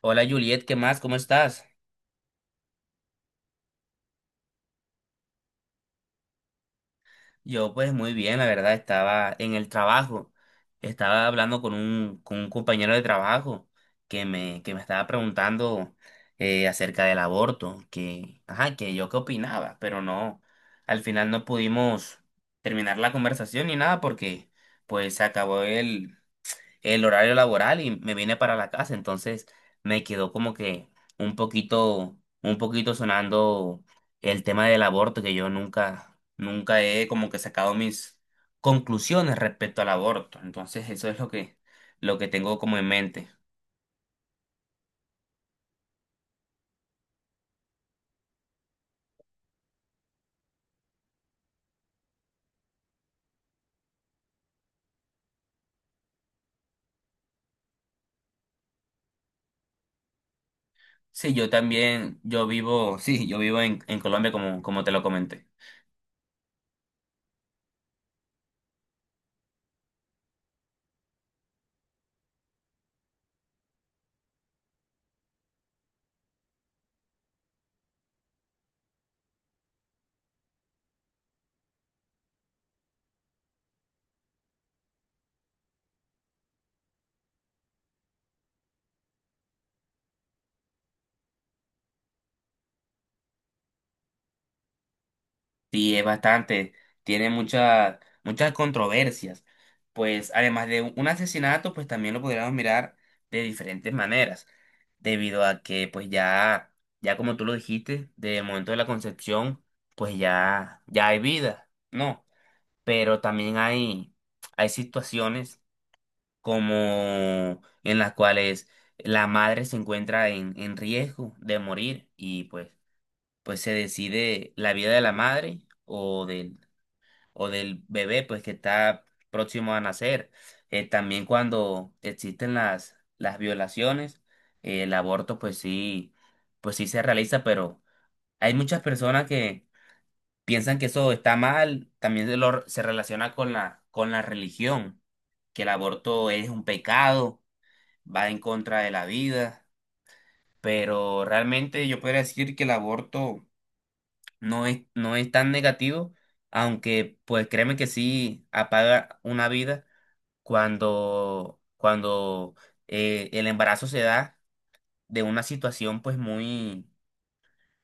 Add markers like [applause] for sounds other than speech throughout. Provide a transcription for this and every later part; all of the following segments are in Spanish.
Hola Juliet, ¿qué más? ¿Cómo estás? Yo pues muy bien, la verdad, estaba en el trabajo. Estaba hablando con un compañero de trabajo que me estaba preguntando acerca del aborto, que, ajá, que yo qué opinaba, pero no, al final no pudimos terminar la conversación ni nada porque pues se acabó el horario laboral y me vine para la casa, entonces me quedó como que un poquito sonando el tema del aborto, que yo nunca he como que sacado mis conclusiones respecto al aborto. Entonces eso es lo lo que tengo como en mente. Sí, yo también, yo vivo, [laughs] sí, yo vivo en Colombia como, como te lo comenté. Sí, es bastante. Tiene muchas controversias. Pues además de un asesinato, pues también lo podríamos mirar de diferentes maneras, debido a que pues ya como tú lo dijiste, desde el momento de la concepción, pues ya hay vida, ¿no? Pero también hay situaciones como en las cuales la madre se encuentra en riesgo de morir y pues se decide la vida de la madre o del bebé pues que está próximo a nacer. También cuando existen las violaciones, el aborto pues sí se realiza, pero hay muchas personas que piensan que eso está mal, también se relaciona con con la religión, que el aborto es un pecado, va en contra de la vida, pero realmente yo podría decir que el aborto no es tan negativo, aunque pues créeme que sí apaga una vida cuando el embarazo se da de una situación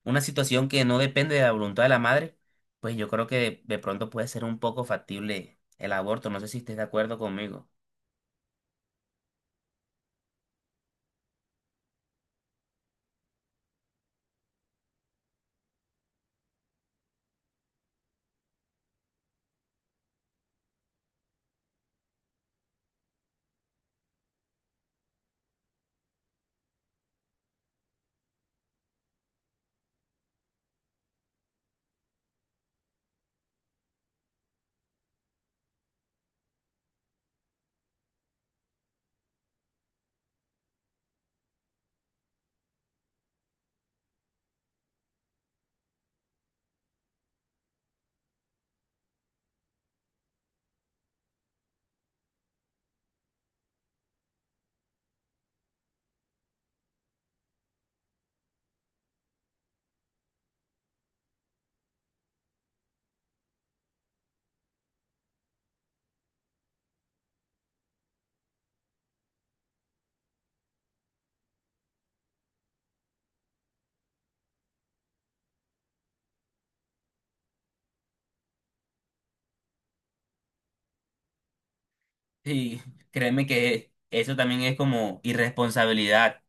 una situación que no depende de la voluntad de la madre, pues yo creo que de pronto puede ser un poco factible el aborto. No sé si estés de acuerdo conmigo. Sí, créeme que eso también es como irresponsabilidad.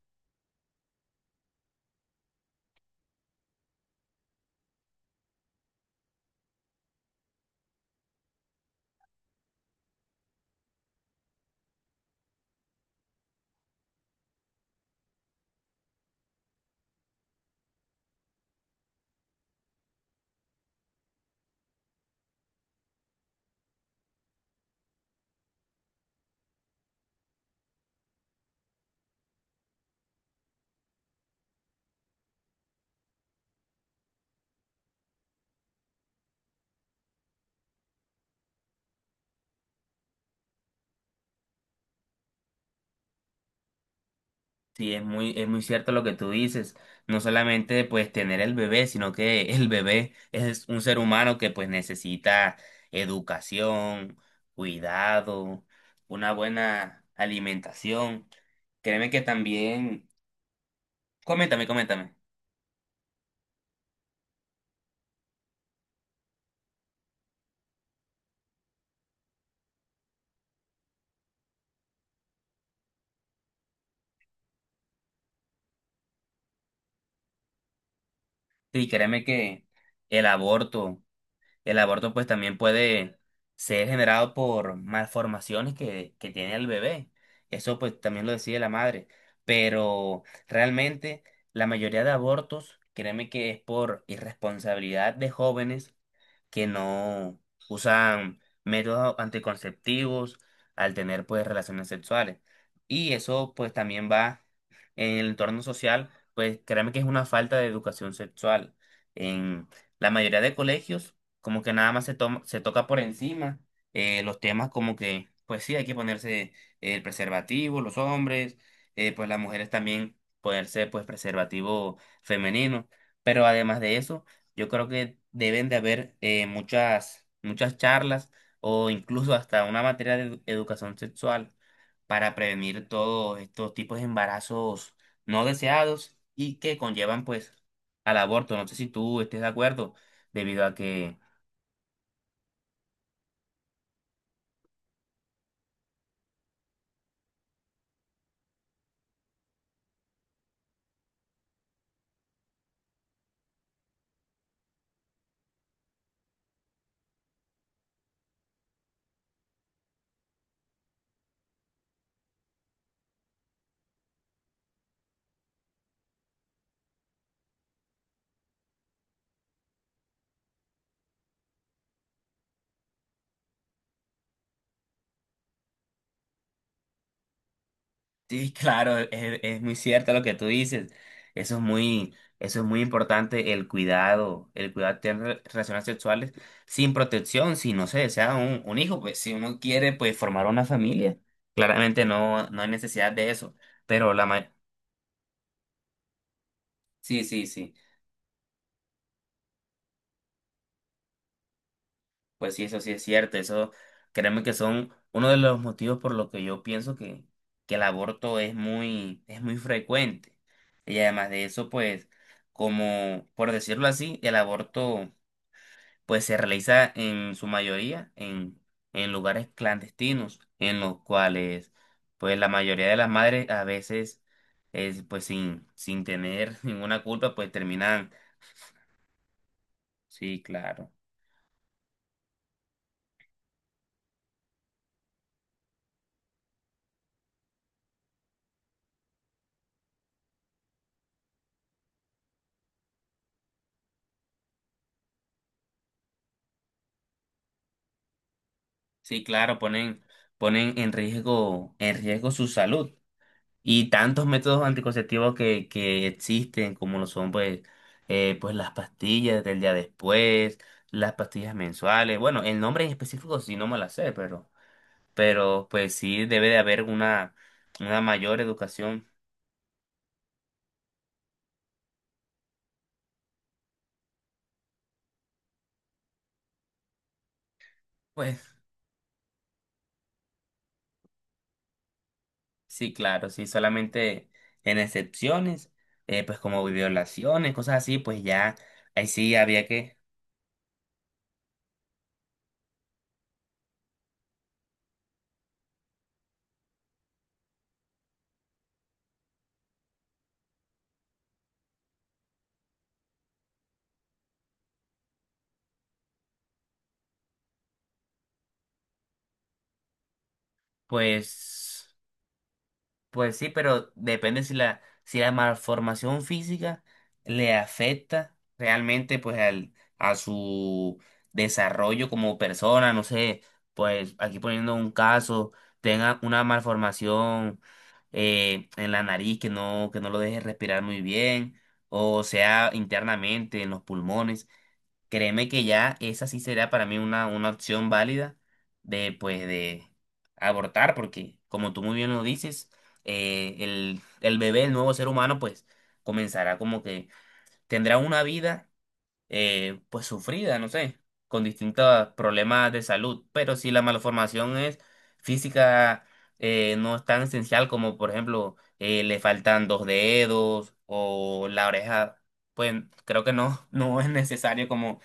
Sí, es es muy cierto lo que tú dices. No solamente pues tener el bebé, sino que el bebé es un ser humano que pues necesita educación, cuidado, una buena alimentación. Créeme que también, coméntame. Sí, créeme que el aborto el aborto pues también puede ser generado por malformaciones que tiene el bebé. Eso pues también lo decide la madre. Pero realmente la mayoría de abortos, créeme que es por irresponsabilidad de jóvenes que no usan métodos anticonceptivos al tener pues relaciones sexuales. Y eso pues también va en el entorno social, pues créeme que es una falta de educación sexual. En la mayoría de colegios como que nada más se toca por encima los temas como que pues sí hay que ponerse el preservativo, los hombres, pues las mujeres también ponerse pues preservativo femenino. Pero además de eso, yo creo que deben de haber muchas charlas o incluso hasta una materia de educación sexual para prevenir todos estos tipos de embarazos no deseados y que conllevan pues al aborto. No sé si tú estés de acuerdo, debido a que sí, claro, es muy cierto lo que tú dices. Eso es eso es muy importante, el cuidado de tener relaciones sexuales sin protección, si no se desea un hijo, pues si uno quiere pues formar una familia, claramente no hay necesidad de eso. Pero la ma- sí, sí, sí. Pues sí, eso sí es cierto. Eso, créeme que son uno de los motivos por los que yo pienso que el aborto es es muy frecuente. Y además de eso, pues, como por decirlo así, el aborto pues se realiza en su mayoría en lugares clandestinos, en los cuales pues la mayoría de las madres a veces es pues sin tener [laughs] ninguna culpa, pues terminan. Sí, claro. Sí, claro, ponen en riesgo su salud. Y tantos métodos anticonceptivos que existen, como lo son pues, pues las pastillas del día después, las pastillas mensuales. Bueno, el nombre en específico sí no me la sé, pero pues sí debe de haber una mayor educación. Pues sí, claro, sí, solamente en excepciones, pues como violaciones, cosas así, pues ya, ahí sí había que, pues. Pues sí, pero depende si si la malformación física le afecta realmente pues al, a su desarrollo como persona, no sé, pues aquí poniendo un caso, tenga una malformación en la nariz que no lo deje respirar muy bien, o sea internamente en los pulmones. Créeme que ya esa sí será para mí una opción válida de, pues, de abortar, porque como tú muy bien lo dices, el bebé, el nuevo ser humano, pues, comenzará como que tendrá una vida, pues, sufrida, no sé, con distintos problemas de salud, pero si la malformación es física, no es tan esencial como, por ejemplo, le faltan dos dedos o la oreja, pues, creo que no, [laughs] no es necesario como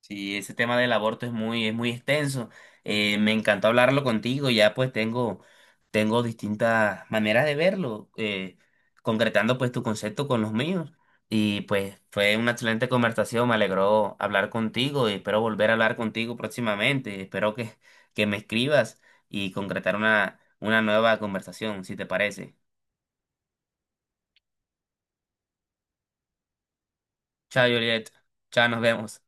sí, ese tema del aborto es es muy extenso. Me encantó hablarlo contigo. Ya pues tengo distintas maneras de verlo, concretando pues tu concepto con los míos. Y pues fue una excelente conversación. Me alegró hablar contigo y espero volver a hablar contigo próximamente. Espero que me escribas y concretar una nueva conversación, si te parece. Chao, Juliet. Chao, nos vemos.